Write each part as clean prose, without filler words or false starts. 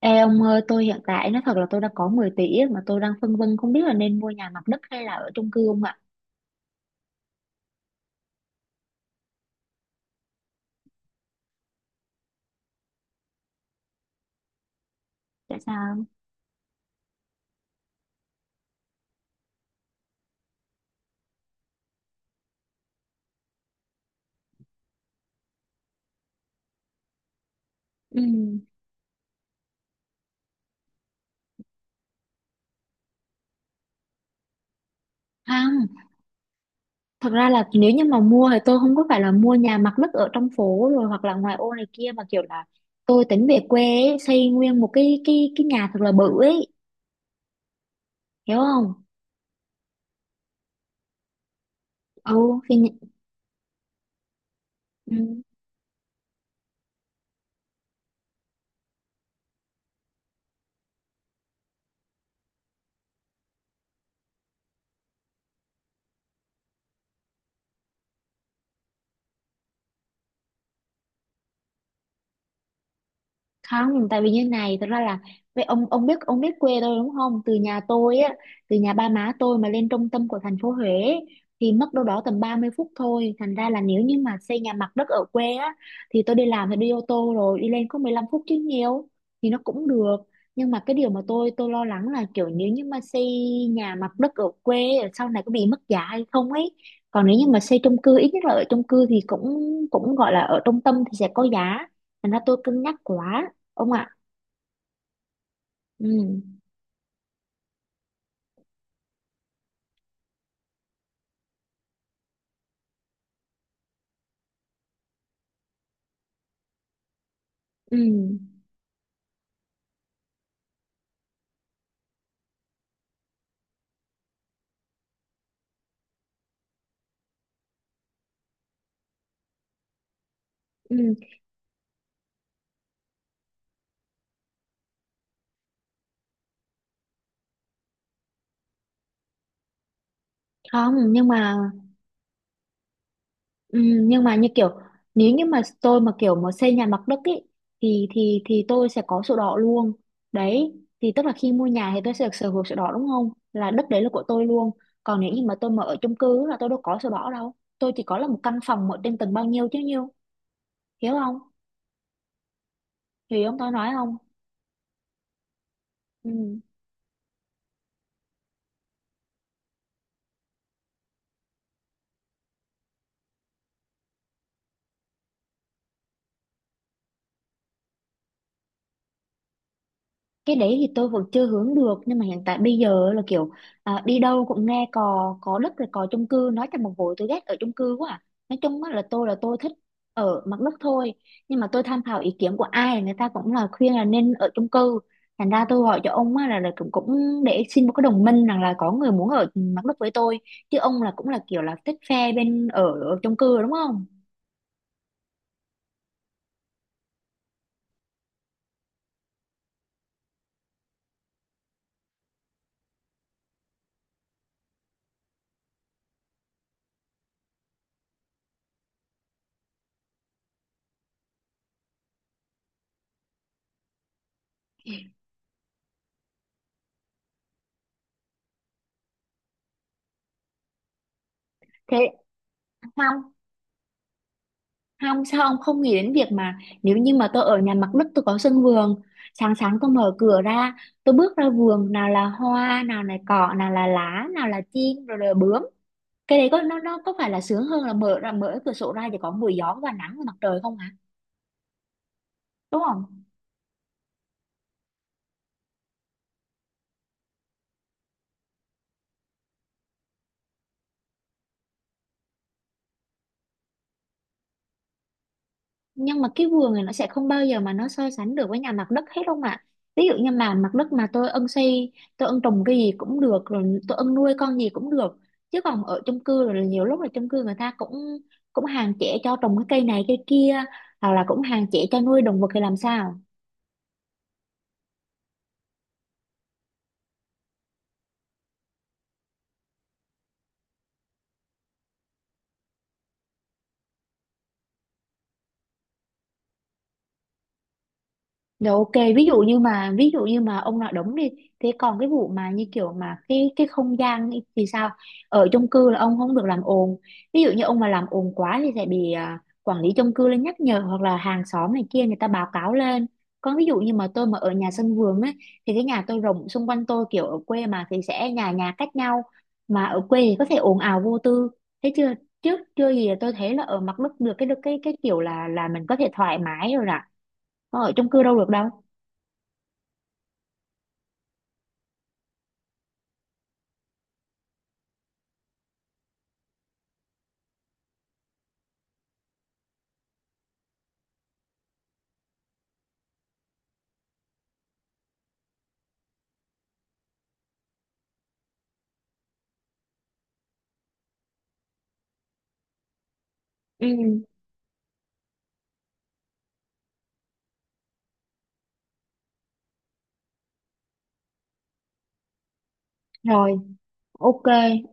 Ê ông ơi, tôi hiện tại nói thật là tôi đã có 10 tỷ á, mà tôi đang phân vân không biết là nên mua nhà mặt đất hay là ở chung cư không ạ? Tại sao? Ừ, không, thật ra là nếu như mà mua thì tôi không có phải là mua nhà mặt đất ở trong phố rồi hoặc là ngoài ô này kia, mà kiểu là tôi tính về quê ấy, xây nguyên một cái nhà thật là bự ấy, hiểu không? Ừ, thì... Không, tại vì như này, thật ra là vậy, ông biết quê tôi đúng không? Từ nhà tôi á, từ nhà ba má tôi mà lên trung tâm của thành phố Huế thì mất đâu đó tầm 30 phút thôi, thành ra là nếu như mà xây nhà mặt đất ở quê á thì tôi đi làm thì đi ô tô rồi đi lên có 15 phút chứ nhiều, thì nó cũng được. Nhưng mà cái điều mà tôi lo lắng là kiểu nếu như mà xây nhà mặt đất ở quê sau này có bị mất giá hay không ấy, còn nếu như mà xây chung cư, ít nhất là ở chung cư thì cũng cũng gọi là ở trung tâm thì sẽ có giá. Thành ra tôi cân nhắc quá, ông ạ. Ừ. Ừ. Ừ. Không, nhưng mà. Ừ, nhưng mà như kiểu nếu như mà tôi mà kiểu mà xây nhà mặt đất ý thì tôi sẽ có sổ đỏ luôn, đấy. Thì tức là khi mua nhà thì tôi sẽ được sở hữu sổ đỏ đúng không, là đất đấy là của tôi luôn. Còn nếu như mà tôi mà ở chung cư là tôi đâu có sổ đỏ đâu, tôi chỉ có là một căn phòng ở trên tầng bao nhiêu chứ nhiêu. Hiểu không? Hiểu không, tôi nói không? Ừ. Cái đấy thì tôi vẫn chưa hướng được, nhưng mà hiện tại bây giờ là kiểu, à, đi đâu cũng nghe cò có đất rồi cò chung cư, nói trong một hồi tôi ghét ở chung cư quá à. Nói chung á là tôi thích ở mặt đất thôi, nhưng mà tôi tham khảo ý kiến của ai người ta cũng là khuyên là nên ở chung cư. Thành ra tôi gọi cho ông á là cũng để xin một cái đồng minh rằng là có người muốn ở mặt đất với tôi, chứ ông là cũng là kiểu là thích phe bên ở chung cư đúng không? Thế. Không. Không, sao ông không nghĩ đến việc mà nếu như mà tôi ở nhà mặt đất tôi có sân vườn, sáng sáng tôi mở cửa ra, tôi bước ra vườn nào là hoa, nào là cỏ, nào là lá, nào là chim rồi là bướm, cái đấy có nó có phải là sướng hơn là mở ra, mở cửa sổ ra chỉ có mùi gió và nắng và mặt trời không hả? Đúng không? Nhưng mà cái vườn này nó sẽ không bao giờ mà nó so sánh được với nhà mặt đất hết không ạ. Ví dụ như mà mặt đất mà tôi ưng xây tôi ưng trồng cái gì cũng được, rồi tôi ưng nuôi con gì cũng được. Chứ còn ở chung cư rồi là nhiều lúc là chung cư người ta cũng cũng hạn chế cho trồng cái cây này cây kia, hoặc là cũng hạn chế cho nuôi động vật thì làm sao? Rồi, ok, ví dụ như mà ông nói đúng đi, thế còn cái vụ mà như kiểu mà cái không gian ấy thì sao? Ở chung cư là ông không được làm ồn. Ví dụ như ông mà làm ồn quá thì sẽ bị, quản lý chung cư lên nhắc nhở, hoặc là hàng xóm này kia người ta báo cáo lên. Còn ví dụ như mà tôi mà ở nhà sân vườn ấy thì cái nhà tôi rộng, xung quanh tôi kiểu ở quê mà thì sẽ nhà nhà cách nhau, mà ở quê thì có thể ồn ào vô tư. Thế chưa, trước chưa gì là tôi thấy là ở mặt đất được cái kiểu là mình có thể thoải mái rồi nè, họ ở chung cư đâu được đâu. Ừ. Rồi, ok,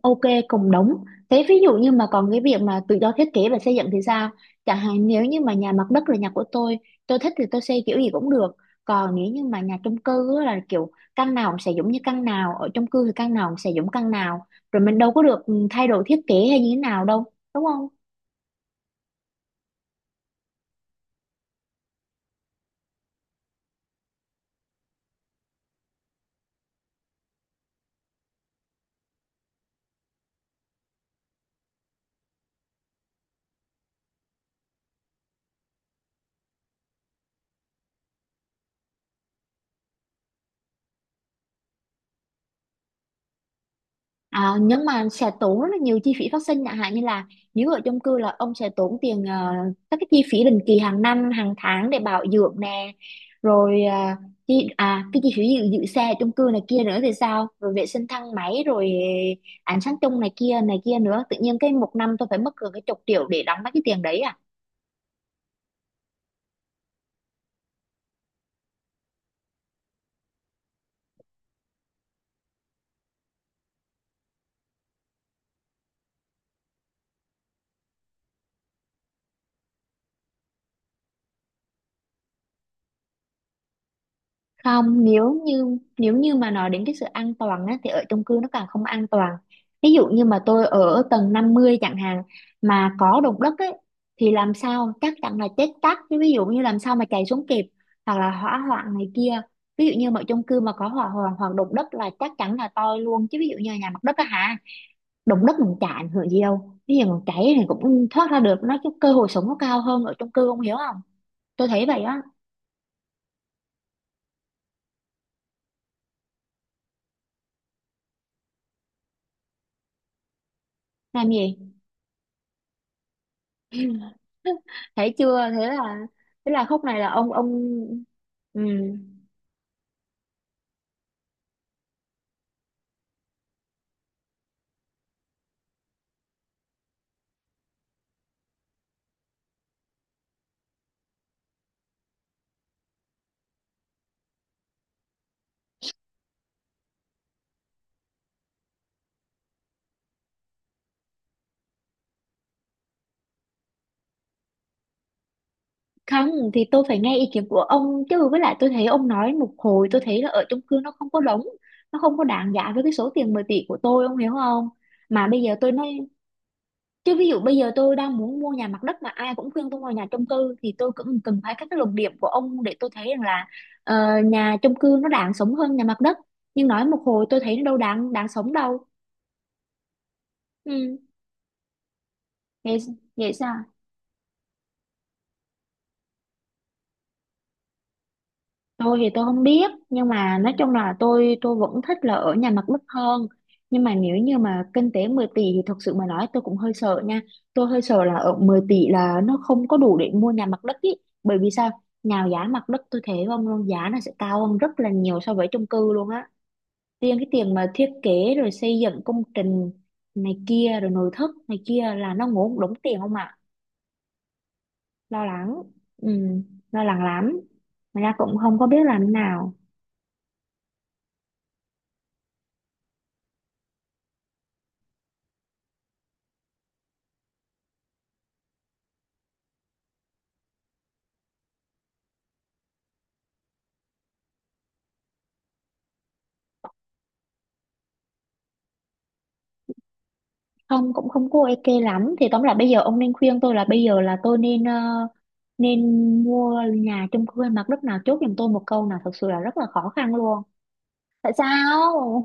ok, cùng đúng. Thế ví dụ như mà còn cái việc mà tự do thiết kế và xây dựng thì sao? Chẳng hạn nếu như mà nhà mặt đất là nhà của tôi thích thì tôi xây kiểu gì cũng được. Còn nếu như mà nhà chung cư á là kiểu căn nào cũng sẽ giống như căn nào, ở chung cư thì căn nào cũng sẽ giống căn nào, rồi mình đâu có được thay đổi thiết kế hay như thế nào đâu, đúng không? À, nhưng mà sẽ tốn rất là nhiều chi phí phát sinh, chẳng hạn như là nếu ở chung cư là ông sẽ tốn tiền, các cái chi phí định kỳ hàng năm hàng tháng để bảo dưỡng nè, rồi chi, à cái chi phí giữ xe ở chung cư này kia nữa thì sao, rồi vệ sinh thang máy, rồi ánh sáng chung này kia nữa, tự nhiên cái một năm tôi phải mất gần cái chục triệu để đóng mấy cái tiền đấy. Không, nếu như mà nói đến cái sự an toàn á, thì ở chung cư nó càng không an toàn. Ví dụ như mà tôi ở tầng 50 chẳng hạn, mà có động đất ấy thì làm sao, chắc chắn là chết tắt. Chứ ví dụ như làm sao mà chạy xuống kịp, hoặc là hỏa hoạn này kia. Ví dụ như mà chung cư mà có hỏa hoạn hoặc động đất là chắc chắn là toi luôn, chứ ví dụ như nhà mặt đất á hả, động đất mình chả ảnh hưởng gì đâu. Ví dụ mình cháy thì cũng thoát ra được, nó cái cơ hội sống nó cao hơn ở chung cư, không hiểu không? Tôi thấy vậy á. Làm gì? Thấy chưa, thế là khúc này là ông. Ừ. Không, thì tôi phải nghe ý kiến của ông chứ, với lại tôi thấy ông nói một hồi tôi thấy là ở chung cư nó không có đúng, nó không có đáng giá với cái số tiền 10 tỷ của tôi, ông hiểu không? Mà bây giờ tôi nói, chứ ví dụ bây giờ tôi đang muốn mua nhà mặt đất mà ai cũng khuyên tôi mua nhà chung cư, thì tôi cũng cần phải các cái luận điểm của ông để tôi thấy rằng là, ờ, nhà chung cư nó đáng sống hơn nhà mặt đất, nhưng nói một hồi tôi thấy nó đâu đáng đáng sống đâu. Ừ. Vậy. Vậy sao? Tôi thì tôi không biết, nhưng mà nói chung là tôi vẫn thích là ở nhà mặt đất hơn, nhưng mà nếu như mà kinh tế 10 tỷ thì thật sự mà nói tôi cũng hơi sợ nha, tôi hơi sợ là ở 10 tỷ là nó không có đủ để mua nhà mặt đất ý. Bởi vì sao, nào giá mặt đất tôi thấy không luôn, giá nó sẽ cao hơn rất là nhiều so với chung cư luôn á, riêng cái tiền mà thiết kế rồi xây dựng công trình này kia rồi nội thất này kia là nó ngốn đống tiền không ạ. Lo lắng. Ừ, lo lắng lắm mà ra cũng không có biết làm thế nào. Không cũng không có ok lắm, thì tóm lại bây giờ ông nên khuyên tôi là bây giờ là tôi nên, ờ, nên mua nhà chung cư hay mặt đất, nào chốt giùm tôi một câu nào, thật sự là rất là khó khăn luôn. Tại sao?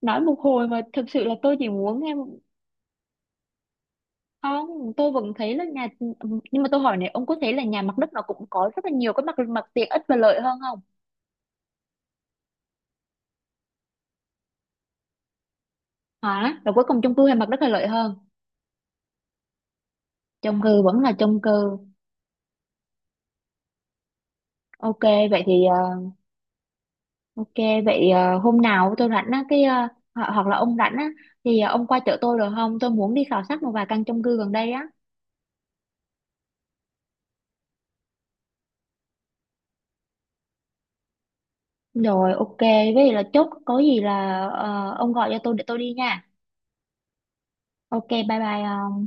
Nói một hồi mà thực sự là tôi chỉ muốn em. Không, tôi vẫn thấy là nhà. Nhưng mà tôi hỏi này, ông có thấy là nhà mặt đất nó cũng có rất là nhiều cái mặt mặt tiện ích và lợi hơn không? Hả, rồi cuối cùng chung cư hay mặt đất là lợi hơn? Chung cư vẫn là chung cư. Ok. Vậy thì, ờ, ok, vậy, ờ, hôm nào tôi rảnh á, hoặc là ông rảnh á, thì ông qua chợ tôi được không? Tôi muốn đi khảo sát một vài căn chung cư gần đây á. Rồi, ok, vậy là chốt có gì là, ờ, ông gọi cho tôi để tôi đi nha. Ok, bye bye. Ờ.